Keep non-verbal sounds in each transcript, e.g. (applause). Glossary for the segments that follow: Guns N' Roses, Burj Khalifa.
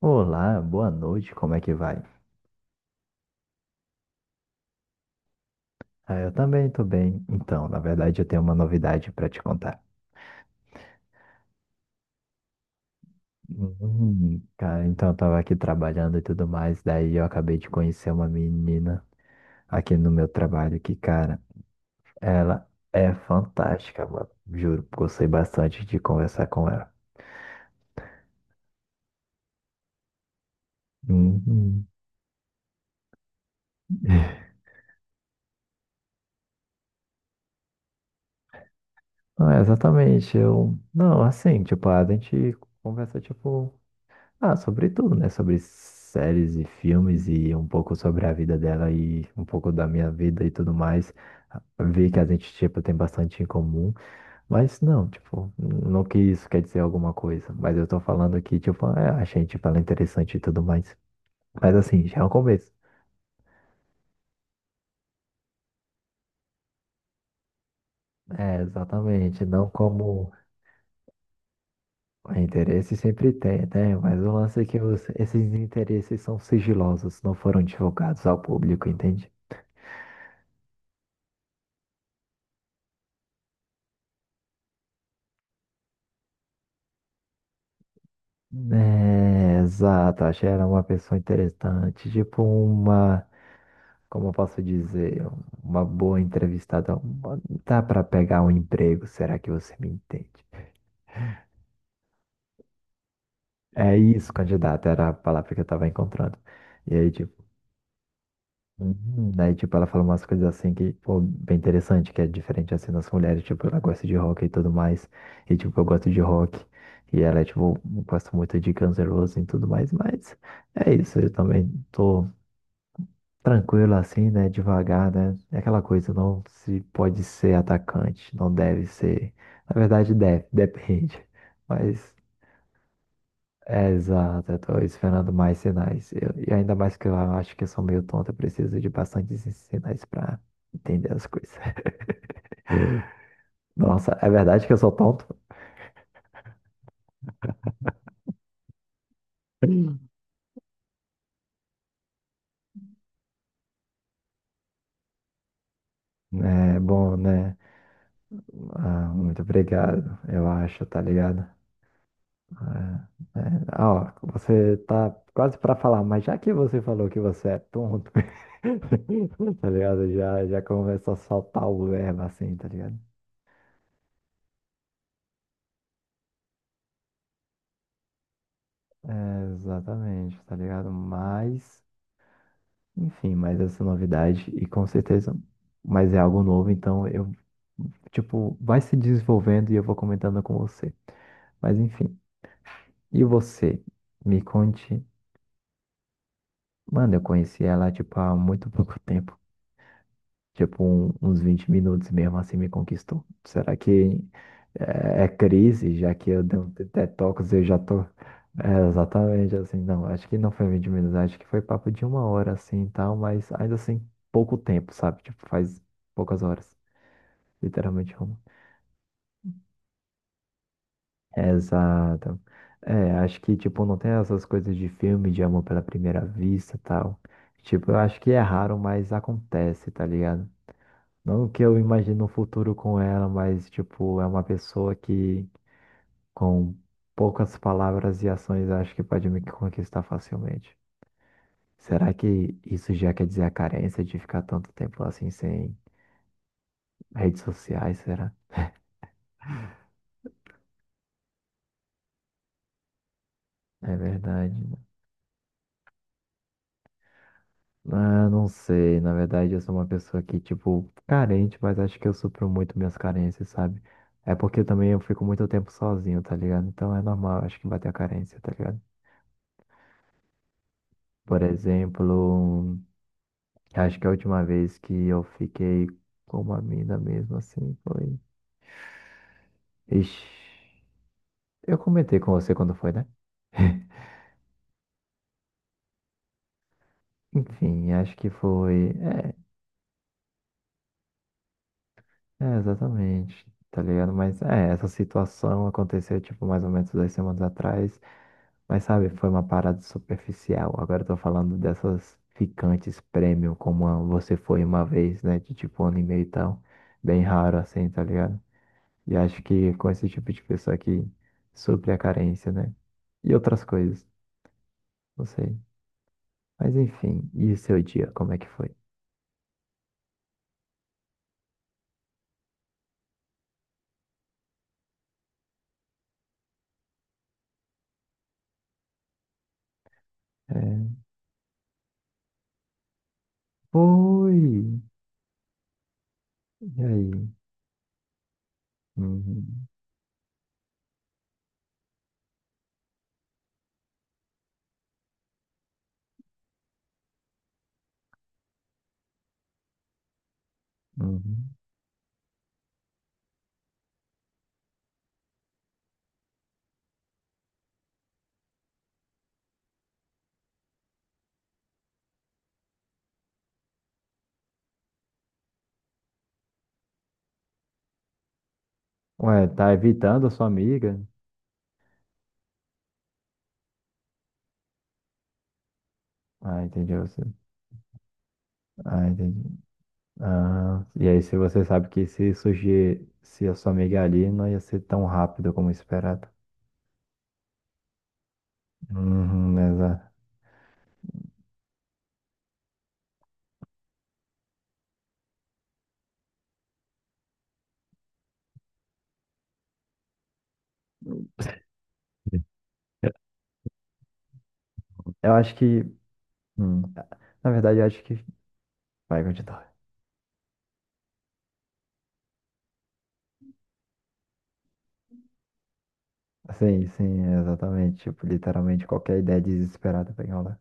Olá, boa noite, como é que vai? Ah, eu também tô bem. Então, na verdade, eu tenho uma novidade pra te contar. Cara, então eu tava aqui trabalhando e tudo mais, daí eu acabei de conhecer uma menina aqui no meu trabalho que, cara, ela é fantástica, mano. Juro, gostei bastante de conversar com ela. Uhum. Não, exatamente, eu... Não, assim, tipo, a gente conversa, tipo. Ah, sobre tudo, né? Sobre séries e filmes e um pouco sobre a vida dela e um pouco da minha vida e tudo mais. Vi que a gente, tipo, tem bastante em comum, mas não, tipo, não que isso quer dizer alguma coisa, mas eu tô falando que, tipo, é, achei, tipo, ela interessante e tudo mais. Mas assim, já é um começo. É, exatamente, não como interesse sempre tem, né? Mas o lance é que esses interesses são sigilosos, não foram divulgados ao público, entende? É, exato, achei ela é uma pessoa interessante, tipo uma, como eu posso dizer, uma boa entrevistada, dá para pegar um emprego, será que você me entende? É isso, candidato, era a palavra que eu tava encontrando. E aí, tipo, uhum, daí, tipo, ela falou umas coisas assim que, pô, bem interessante, que é diferente assim das mulheres, tipo, ela gosta de rock e tudo mais, e tipo, eu gosto de rock, e ela, é, tipo, gosta muito de Guns N' Roses e tudo mais, mas é isso, eu também tô tranquilo assim, né? Devagar, né? É aquela coisa, não se pode ser atacante, não deve ser. Na verdade, deve, (laughs) depende. Mas é exato, eu tô esperando mais sinais. E ainda mais que eu acho que eu sou meio tonto, eu preciso de bastantes sinais para entender as coisas. (laughs) Nossa, é verdade que eu sou tonto? É bom, né? Ah, muito obrigado, eu acho, tá ligado? É, ah, ó, você tá quase pra falar, mas já que você falou que você é tonto, (laughs) tá ligado? Já, já começa a soltar o verbo assim, tá ligado? É, exatamente, tá ligado? Mas, enfim, mas essa novidade, e com certeza, mas é algo novo, então eu, tipo, vai se desenvolvendo e eu vou comentando com você. Mas, enfim, e você? Me conte. Mano, eu conheci ela, tipo, há muito pouco tempo. Tipo, uns 20 minutos mesmo assim me conquistou. Será que é, é crise, já que eu dei um detox, eu já tô. É, exatamente assim, não, acho que não foi 20 minutos, acho que foi papo de uma hora assim e tal, mas ainda assim, pouco tempo, sabe? Tipo, faz poucas horas, literalmente uma. Exato. É, acho que, tipo, não tem essas coisas de filme, de amor pela primeira vista e tal. Tipo, eu acho que é raro, mas acontece, tá ligado? Não que eu imagino um futuro com ela, mas, tipo, é uma pessoa que, com poucas palavras e ações, acho que pode me conquistar facilmente. Será que isso já quer dizer a carência de ficar tanto tempo assim sem redes sociais? Será? É verdade, né? Ah, não sei. Na verdade, eu sou uma pessoa que, tipo, carente, mas acho que eu supro muito minhas carências, sabe? É porque também eu fico muito tempo sozinho, tá ligado? Então é normal, acho que bater a carência, tá ligado? Por exemplo. Acho que a última vez que eu fiquei com uma mina mesmo assim foi. Ixi, eu comentei com você quando foi, né? (laughs) Enfim, acho que foi. É, é, exatamente, tá ligado? Mas é, essa situação aconteceu, tipo, mais ou menos 2 semanas atrás. Mas sabe, foi uma parada superficial. Agora eu tô falando dessas ficantes premium, como a você foi uma vez, né? De tipo um ano e meio e tal. Bem raro assim, tá ligado? E acho que com esse tipo de pessoa que supre a carência, né? E outras coisas, não sei. Mas enfim, e o seu dia, como é que foi? É, foi! E aí? Uhum, uhum. Ué, tá evitando a sua amiga? Ah, entendi você. Ah, entendi. Ah, e aí, se você sabe que se surgir, se a sua amiga é ali, não ia ser tão rápido como esperado. Uhum, exato. Eu acho que. hum, Na verdade, eu acho que. Vai, continua. Sim, sim, exatamente. Tipo, literalmente qualquer ideia desesperada pra enrolar.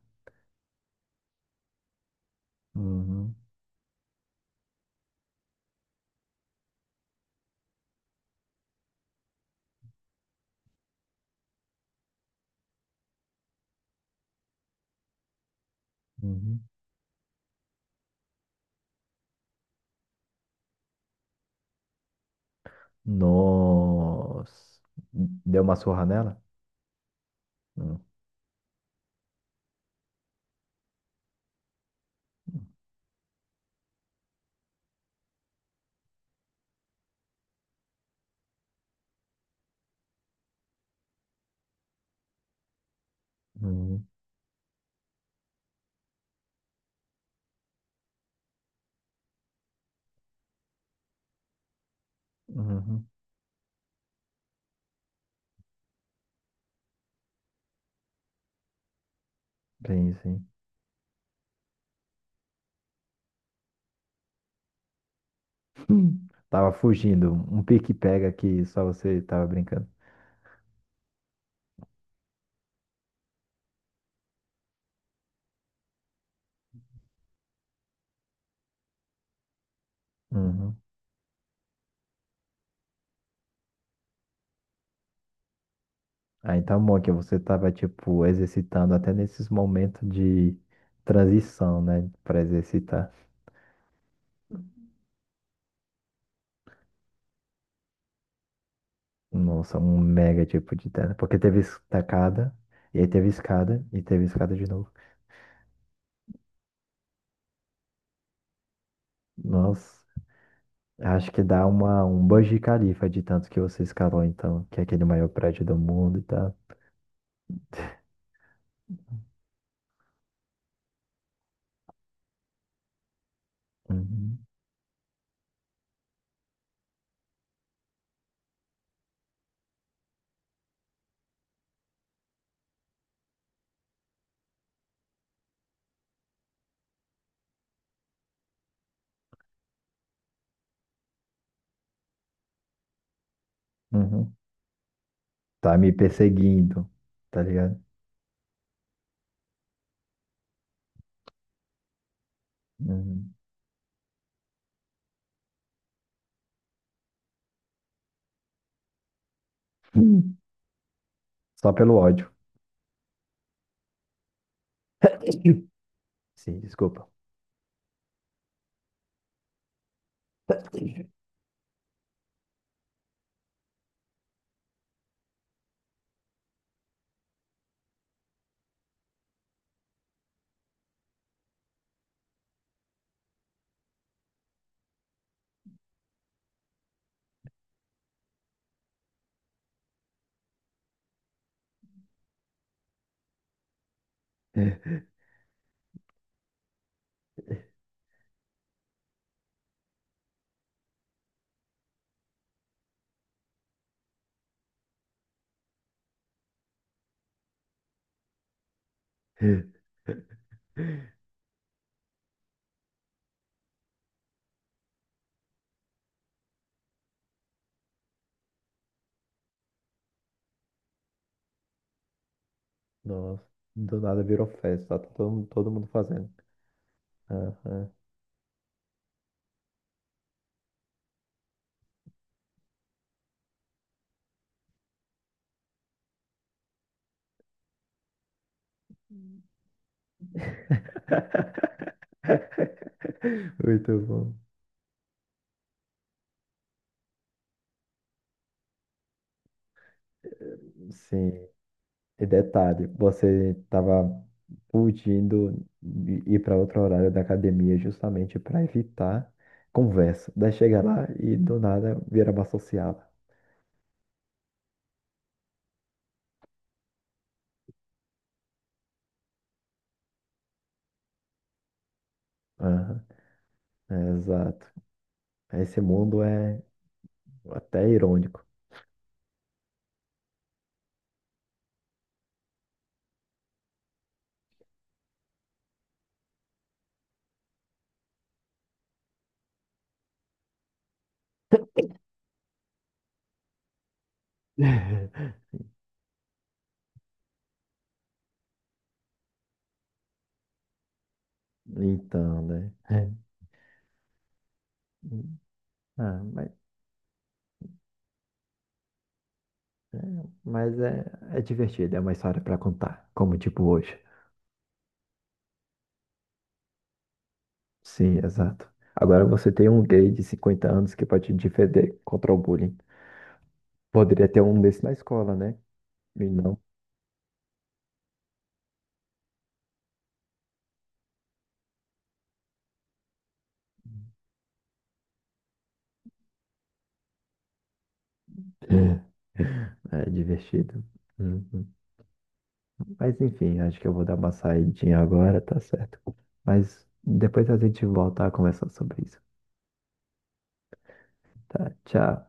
Uhum, uhum. Nossa. Deu uma surra nela? Hum. Uhum, uhum. Sim, sim. Hum. Tava fugindo. Um pique-pega que só você tava brincando. Uhum. Ah, então bom que você tava, tipo, exercitando até nesses momentos de transição, né? Pra exercitar. Nossa, um mega tipo de terra. Porque teve estacada, e aí teve escada, e teve escada de novo. Nossa, acho que dá uma, um Burj Khalifa de tanto que você escalou, então, que é aquele maior prédio do mundo e tal. Uhum, uhum. Tá me perseguindo, tá ligado? Uhum. Hum. Só pelo ódio. (coughs) Sim, desculpa. Nossa, do nada virou festa, todo mundo fazendo. Aham. (laughs) Muito bom. Sim. E detalhe, você estava fugindo de ir para outro horário da academia justamente para evitar conversa. Daí chega lá e do nada vira uma sociala. Aham, é, exato. Esse mundo é até irônico. (laughs) Então, né? É. Ah, é, mas é, é divertido, é uma história para contar, como tipo hoje. Sim, exato. Agora você tem um gay de 50 anos que pode te defender contra o bullying. Poderia ter um desse na escola, né? E não. É É divertido. Uhum. Mas enfim, acho que eu vou dar uma saidinha agora, tá certo. Mas depois a gente volta a conversar sobre isso. Tá, tchau.